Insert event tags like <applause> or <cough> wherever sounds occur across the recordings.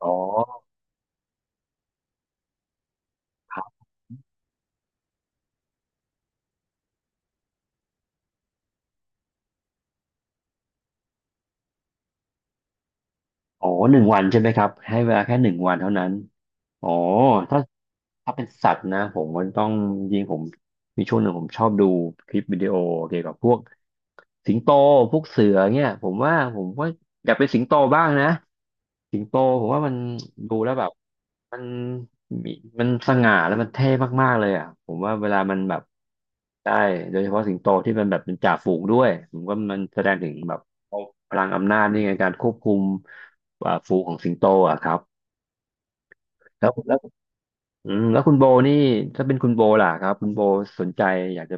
อ๋อครับอ๋อหนึ่งวันใช่ไหมครับให้เวลาแค่หนึ่งวันเท่านั้นอ๋อถ้า ถ้าเป็นสัตว์นะผมมันต้องยิงผมมีช่วงหนึ่งผมชอบดูคลิปวิดีโอเกี่ยวกับพวกสิงโตพวกเสือเนี่ยผมว่าผมก็อยากเป็นสิงโตบ้างนะสิงโตผมว่ามันดูแล้วแบบมันมีมันสง่าแล้วมันเท่มากๆเลยอ่ะผมว่าเวลามันแบบได้โดยเฉพาะสิงโตที่มันแบบเป็นจ่าฝูงด้วยผมว่ามันแสดงถึงแบบพลังอำนาจนี่ไงการควบคุมฝูงของสิงโตอ่ะครับแล้วแล้ว อืมแล้วคุณโบนี่ถ้าเป็นคุณโบล่ะครับคุณโบสนใจอยากจะ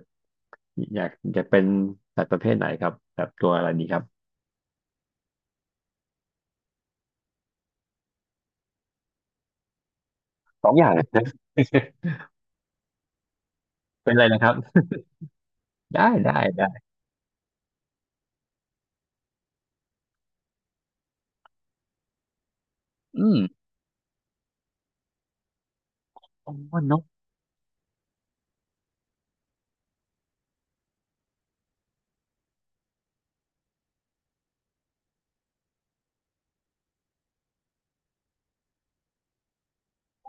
อยากอยากเป็นสัตว์ประเภทไหนครับแบบตัวอะไรดีครับสองอย่างะ <laughs> เป็นอะไรนะครับได้ได้ได้อืมโอ้อนก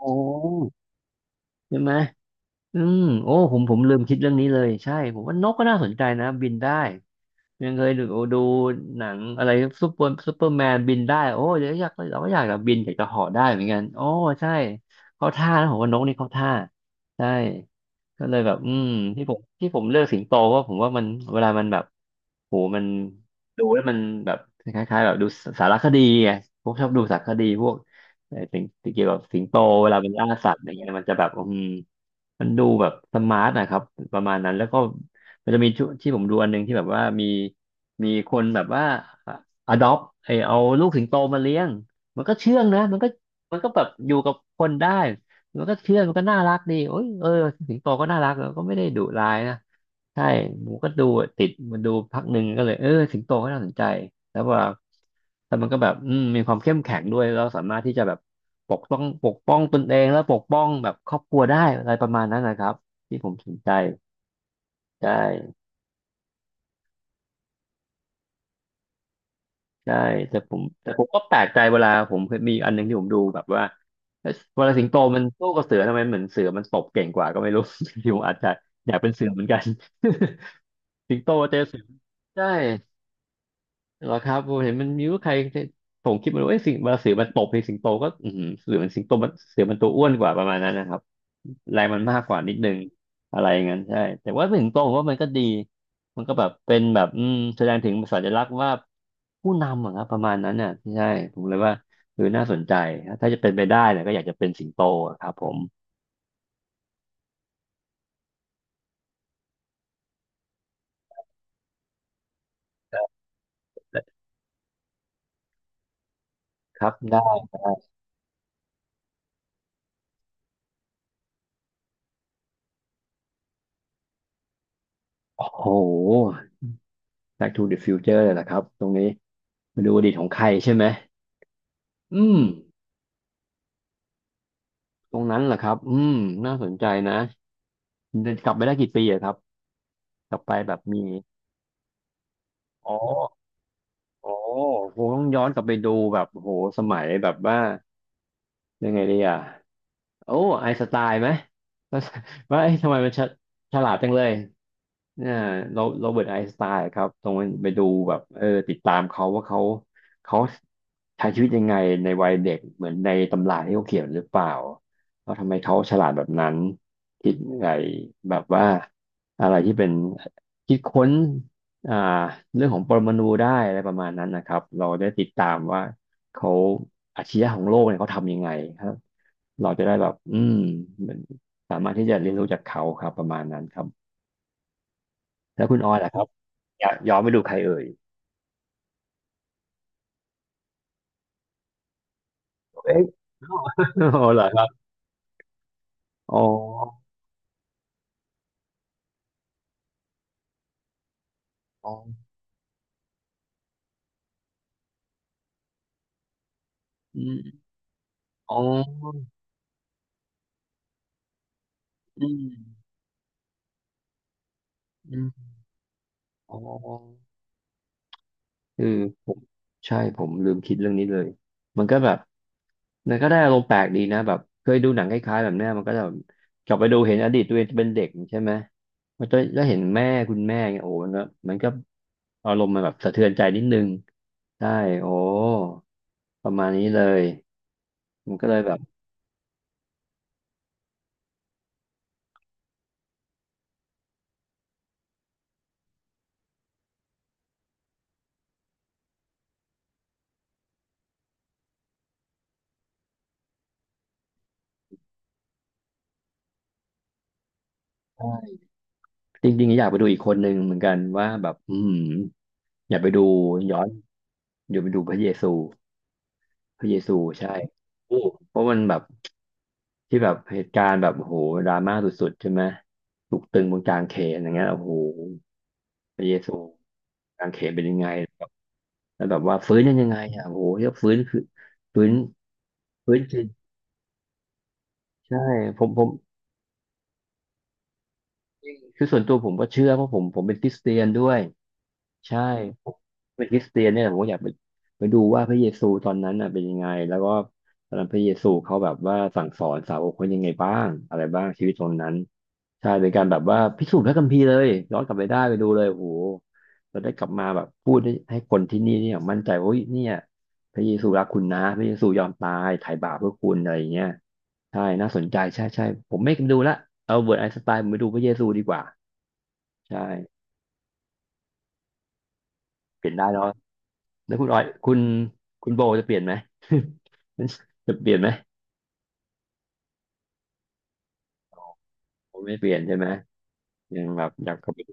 โอ้ใช่ไหมอืมโอ้ผมลืมคิดเรื่องนี้เลยใช่ผมว่านกก็น่าสนใจนะบินได้ ยังเคยดูหนังอะไรซูเปอร์แมนบินได้โอ้เดี๋ยวอยากเราก็อยากจบบินอยากจะเหาะได้เหมือนกันโอ้ใช่เข้าท่านะผมว่านกนี่เข้าท่าใช่ก็เลยแบบอืมที่ผมเลือกสิงโตเพราะผมว่ามันเวลามันแบบโหมันดูแล้วมันแบบคล้ายๆแบบดูสารคดีไงผมชอบดูสารคดีพวกสิ่งี่งเกี่ยวกับสิงโตเวลามันล่าสัตว์อะไรเงี้ยมันจะแบบอืมมันดูแบบสมาร์ทนะครับประมาณนั้นแล้วก็ มันจะมีชุที่ผมดูอันหนึงที่แบบว่ามีคนแบบว่าอ adopt ไอเอาลูกสิงโตมาเลี้ยงมันก็เชื่องนะมันก็แบบอยู่กับคนได้มันก็เชื่องมันก็น่ารักดีโอ้ยเออสิงโตก็น่ารักแล้วก็ไม่ได้ดุร้ายนะใช่ผมก็ดูติดมันดูพักหนึ่งก็เลยเออสิงโตก็น่าสนใจแล้วว่าแต่มันก็แบบอืมมีความเข้มแข็งด้วยเราสามารถที่จะแบบปกป้องตนเองแล้วปกป้องแบบครอบครัวได้อะไรประมาณนั้นนะครับที่ผมสนใจใช่ ใช่แต่ผมก็แปลกใจเวลาผมเคยมีอันหนึงที่ผมดูแบบว่าเอ๊ะเวลาสิงโตมันสู้กับเสือทำไมเหมือนเสือมันตบเก่งกว่าก็ไม่รู้ <laughs> ที่ผมอาจจะอยากเป็นเสือเหมือนกัน <laughs> สิงโตเจอเสือใช่ เหรอครับผมเห็นมันมีว่าใครผมคิดมันว่าเอ้ยสิงมาเสือมันตบในสิงโตก็อือหือเสือมันสิงโตมันเสือมันตัวอ้วนกว่าประมาณนั้นนะครับแรงมันมากกว่านิดนึงอะไรอย่างนั้นใช่แต่ว่าสิงโตผมว่ามันก็ดีมันก็แบบเป็นแบบอืมแสดงถึงสัญลักษณ์ว่าผู้นำอะครับประมาณนั้นน่ะใช่ผมเลยว่าคืออน่าสนใจถ้าจะเป็นไปได้เนี่ยก็อยากจะเป็นสิงโตอะครับผมครับได้โอ้โห Back to the Future เลยนะครับตรงนี้มาดูอดีตของใครใช่ไหมอืม ตรงนั้นเหรอครับ อืมน่าสนใจนะกลับไปได้กี่ปีอะครับ กลับไปแบบมีอ๋ออ๋อคงต้องย้อนกลับไปดูแบบโหสมัยแบบว่ายังไงดีอะ โอ้ไอน์สไตล์ไหมว่าว่า <laughs> เอ๊ะทำไมมันฉฉลาดจังเลยเนี่ยโรโรเบิร์ตไอน์สไตน์ครับตรงไปดูแบบเออติดตามเขาว่าเขาใช้ชีวิตยังไงในวัยเด็กเหมือนในตำราที่เขาเขียนหรือเปล่าแล้วทำไมเขาฉลาดแบบนั้นคิดไงแบบว่าอะไรที่เป็นคิดค้นอ่าเรื่องของปรมาณูได้อะไรประมาณนั้นนะครับเราได้ติดตามว่าเขาอาชญะของโลกเนี่ยเขาทำยังไงครับ เราจะได้แบบอืมเหมือนสามารถที่จะเรียนรู้จากเขาครับประมาณนั้นครับแล้วคุณออยล่ะครับอยากย้อนไปดูใครเอ่ยเอ๊ะอ๋ <laughs> อเหรอครับอ๋ออ๋ออืมอ๋ออืมอืมอ๋อ คือผมใช่ผมลืมคิดเรื่องนี้เลยมันก็แบบมันก็ได้อารมณ์แปลกดีนะแบบเคยดูหนังคล้ายๆแบบเนี้ยมันก็จะแบบกลับไปดูเห็นอดีตตัวเองเป็นเด็กใช่ไหมมันจะแล้วเห็นแม่คุณแม่เงี้ยโอ้มันก็อารมณ์มันแบบสะเทือนใจนิดนึงใช่โอ้ประมาณนี้เลยมันก็เลยแบบใช่จริงๆอยากไปดูอีกคนหนึ่งเหมือนกันว่าแบบอืมอยากไปดูย้อนอยากไปดูพระเยซูใช่โอ้เพราะมันแบบ ที่แบบเหตุการณ์แบบโอ้โหดราม่าสุดๆใช่ไหมถูกตึงบนกลางเขนอย่างเงี้ยโอ้โหพระเยซูกลางเขนเป็นยังไงแบบแล้วแบบว่าฟื้นยังไงอ่ะโอ้โหเรียกฟื้นคือฟื้นฟื้นจริงใช่ผมคือส่วนตัวผมก็เชื่อเพราะผมเป็นคริสเตียนด้วย ใช่ผมเป็นคริสเตียนเนี่ยผมก็อยากไปไปดูว่าพระเยซูตอนนั้นน่ะเป็นยังไงแล้วก็ตอนนั้นพระเยซูเขาแบบว่าสั่งสอนสาวกเขายังไงบ้างอะไรบ้างชีวิตตอนนั้นใช่เป็นการแบบว่าพิสูจน์พระคัมภีร์เลยย้อนกลับไปได้ไปดูเลยโอ้โหเราได้กลับมาแบบพูดให้คนที่นี่เนี่ยมั่นใจว่าเฮ้ยเนี่ยพระเยซูรักคุณนะพระเยซูยอมตายไถ่บาปเพื่อคุณอะไรอย่างเงี้ยใช่น่าสนใจใช่ใช่ผมไม่ดูละเอาเบิร์ตไอน์สไตน์ผมไปดูพระเยซูดีกว่าใช่เปลี่ยนได้เนาะ แล้วคุณออยคุณคุณโบจะเปลี่ยนไหม <laughs> จะเปลี่ยนไหมผมไม่เปลี่ยนใช่ไหมยังแบบอยากกลับไปดู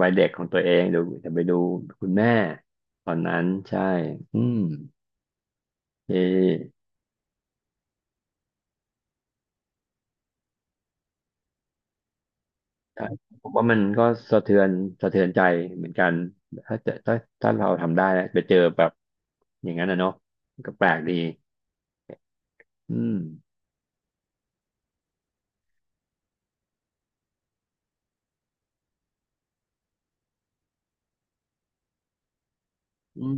วัยเด็กของตัวเองเดี๋ยวจะไปดูคุณแม่ตอนนั้นใช่อืมเออใช่ผมว่ามันก็สะเทือนสะเทือนใจเหมือนกันถ้าเจะถ้าถ้าเราทำได้นะไปเจอแบบอย่างนั้นนะเนาะก็แปลกดีอืมอืม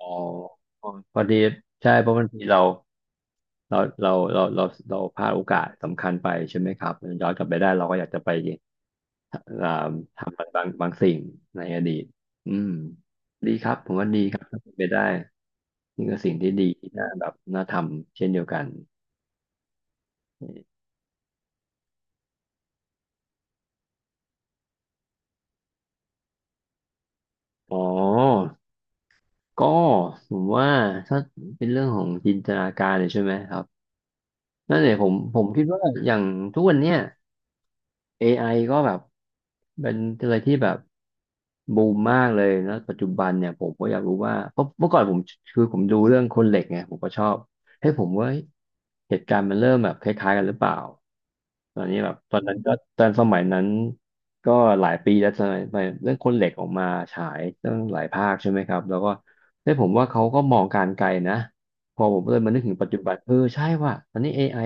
อ๋อพอดีใช่เพราะบางทีเราเราเราเราเราเราพลาดโอกาสสำคัญไปใช่ไหมครับย้อนกลับไปได้เราก็อยากจะไปอ่าทำมันบางสิ่งในอดีตอืมดีครับผมว่าดีครับถ้าเป็นไปได้นี่ก็สิ่งที่ดีที่น่าแบบน่าทำเช่นเดียวกันอ๋อก็ผมว่าถ้าเป็นเรื่องของจินตนาการเนี่ยใช่ไหมครับนั่นเนี่ยผมผมคิดว่าอย่างทุกวันเนี้ย AI ก็แบบเป็นอะไรที่แบบบูมมากเลยนะปัจจุบันเนี่ยผมก็อยากรู้ว่าเพราะเมื่อก่อนผมคือผมดูเรื่องคนเหล็กไงผมก็ชอบให้ยผมว่าเหตุการณ์มันเริ่มแบบคล้ายๆกันหรือเปล่าตอนนี้แบบตอนนั้นก็ตอนสมัยนั้นก็หลายปีแล้วสมัยเรื่องคนเหล็กออกมาฉายตั้งหลายภาคใช่ไหมครับแล้วก็ได้ยผมว่าเขาก็มองการไกลนะพอผมเลยมานึกถึงปัจจุบันเออใช่ว่ะตอนนี้ AI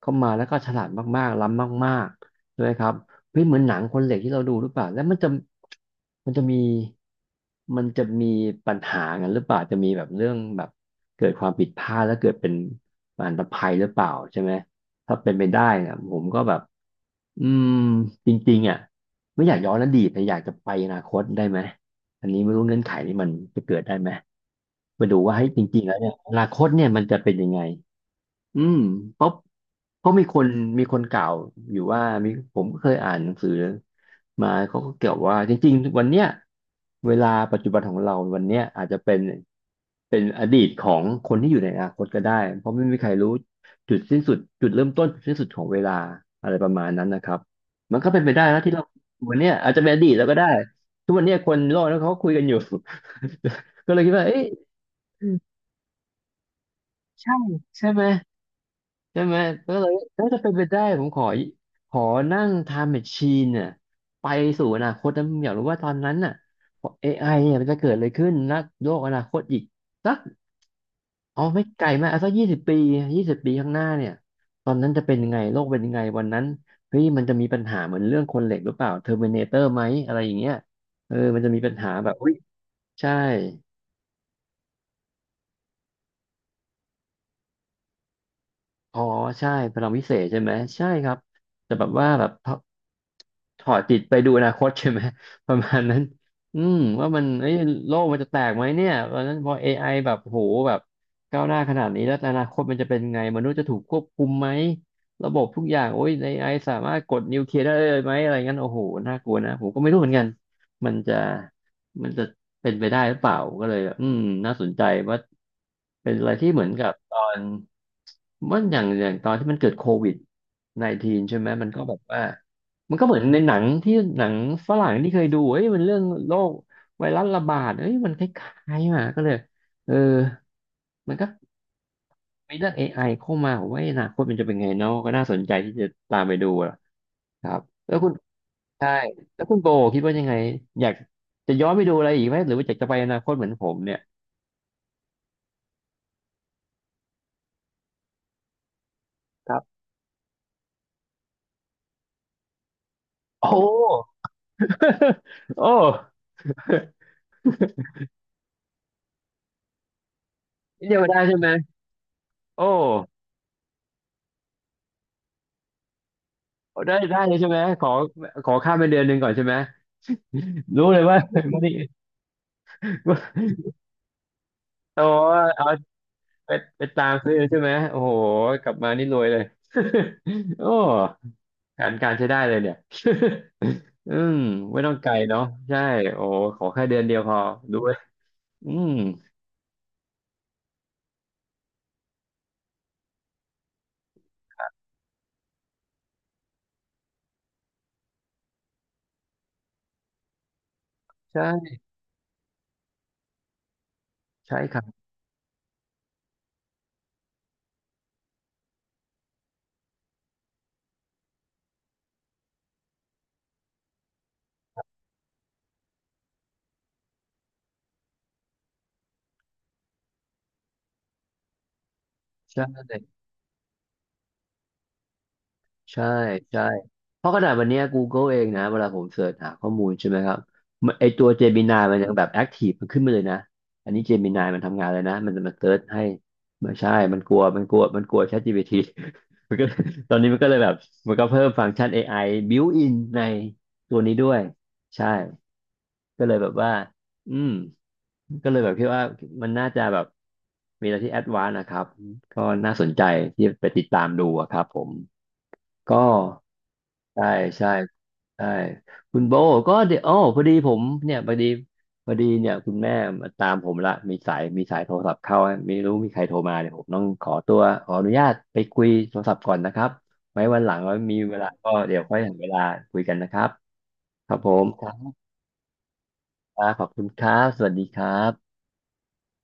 เข้ามาแล้วก็ฉลาดมากๆล้ำมากๆ ใช่ไหมครับเฮ้ยเหมือนหนังคนเหล็กที่เราดูหรือเปล่าแล้วมันจะมีมันจะมีปัญหากันหรือเปล่าจะมีแบบเรื่องแบบเกิดความผิดพลาดแล้วเกิดเป็นอันตภัยหรือเปล่าใช่ไหมถ้าเป็นไปได้นะผมก็แบบอืมจริงๆอ่ะไม่อยากย้อนอดีตแต่อยากจะไปอนาคตได้ไหมอันนี้ไม่รู้เงื่อนไขนี้มันจะเกิดได้ไหมไปดูว่าให้ยจริงๆแล้วเนี่ยอนาคตเนี่ยมันจะเป็นยังไง อืมเพราะเพราะมีคนกล่าวอยู่ว่ามีผมก็เคยอ่านหนังสือมาเขาก็เกี่ยวว่าจริงๆวันเนี้ยเวลาปัจจุบันของเราวันเนี้ยอาจจะเป็นเป็นอดีตของคนที่อยู่ในอนาคตก็ได้เพราะไม่มีใครรู้จุดสิ้นสุดจุดเริ่มต้นจุดสิ้นสุดของเวลาอะไรประมาณนั้นนะครับมันก็เป็นไปได้นะที่เราวันเนี้ยอาจจะเป็นอดีตแล้วก็ได้ทุกวันเนี้ยคนโลกนั้นเขาก็คุยกันอยู่ <laughs> ก็เลยคิดว่าเอ๊ะใช่ใช่ไหม ใช่ไหมแล้วเราถ้าจะเป็นไปได้ผมขอนั่ง t ท m e แ a c ช i น e น่ะไปสู่อนาคตนะผมอยากรู้ว่าตอนนั้นน่ะ AI เนี่ยมันจะเกิดอะไรขึ้นนะโลกอนาคตอีกสักเอาไม่ไกลมากเอาสักยี่สิบปียี่สิบปีข้างหน้าเนี่ยตอนนั้นจะเป็นยังไงโลกเป็นยังไงวันนั้นเฮ้ยมันจะมีปัญหาเหมือนเรื่องคนเหล็กหรือเปล่าเทอร์มินาเตอร์ไหมอะไรอย่างเงี้ยเออมันจะมีปัญหาแบบอุ้ยใช่ อ๋อใช่พลังวิเศษใช่ไหมใช่ครับแต่แบบว่าแบบพอถอดจิตไปดูอนาคต <laughs> ใช่ไหม <laughs> ประมาณนั้นอืมว่ามันเอ้ยโลกมันจะแตกไหมเนี่ยตอนนั้นพอ AI แบบโหแบบก้าวหน้าขนาดนี้แล้วอนาคตมันจะเป็นไงมนุษย์จะถูกควบคุมไหมระบบทุกอย่างโอ้ย AI สามารถกดนิวเคลียร์ได้เลยไหมอะไรงั้นโอ้โหน่ากลัวนะผมก็ไม่รู้เหมือนกันมันจะมันจะเป็นไปได้หรือเปล่าก็เลยแบบน่าสนใจว่าเป็นอะไรที่เหมือนกับตอน ว่าอย่างตอนที่มันเกิดCOVID-19 ใช่ไหมมันก็แบบว่ามันก็เหมือนในหนังที่หนังฝรั่งที่เคยดูเอ้ยมันเรื่องโรคไวรัสระบาดเอ้ยมันคล้ายๆมาก็เลยเออมันก็มีเรื่อง AI เข้ามาผมว่าอนาคตมันจะเป็นไงเนาะก็น่าสนใจที่จะตามไปดูอะครับแล้วคุณใช่แล้วคุณโบคิดว่ายังไงอยากจะย้อนไปดูอะไรอีกไหมหรือว่าอยากจะไปอนาคตเหมือนผมเนี่ยครับโอ้ <laughs> โอ้เดียวได้ใช่ไหมโอ้ ได้ได้เลยใช่ไหมขอข้ามไปเดือนหนึ่งก่อนใช่ไหมรู้เลยว่า <laughs> ไม่ <laughs> ได้โอ้เอาไปไปตามซื้อใช่ไหมโอ้โหกลับมานี่รวยเลย <laughs> โอ้การการใช้ได้เลยเนี่ย <laughs> อืมไม่ต้องไกลเนาะใช่โอ้ขอแค่เดือนเดียวพอรู้เลยอืมใช่ใช่ครับใช่ ใช่ใช่เพราะขนาดวันเนี้ย Google เองนะเวลาผมเสิร์ชหาข้อมูลใช่ไหมครับมันไอตัว Gemini มันยังแบบแอคทีฟมันขึ้นมาเลยนะอันนี้ Gemini มันทำงานเลยนะมันจะมาเสิร์ชให้ไม่ใช่ มันกลัว ChatGPT <laughs> มันก็ตอนนี้มันก็เลยแบบมันก็เพิ่มฟังก์ชัน AI built in ในตัวนี้ด้วยใช่ก็เลยแบบว่าอืมก็เลยแบบคิดว่ามันน่าจะแบบมีอะไรที่แอดวานซ์นะครับก็น่าสนใจที่ไปติดตามดูอะครับผม ก็ใช่ใช่ใช่คุณโบก็เดี๋ยวอ๋อพอดีผมเนี่ยพอดีเนี่ยคุณแม่มาตามผมละมีสายโทรศัพท์เข้าไม่รู้มีใครโทรมาเนี่ยผมต้องขอตัวขออนุญาตไปคุยโทรศัพท์ก่อนนะครับไว้วันหลังว่ามีเวลาก็เดี๋ยวค่อยหาเวลาคุยกันนะครับครับผมครับขอบคุณครับสวัสดีครับ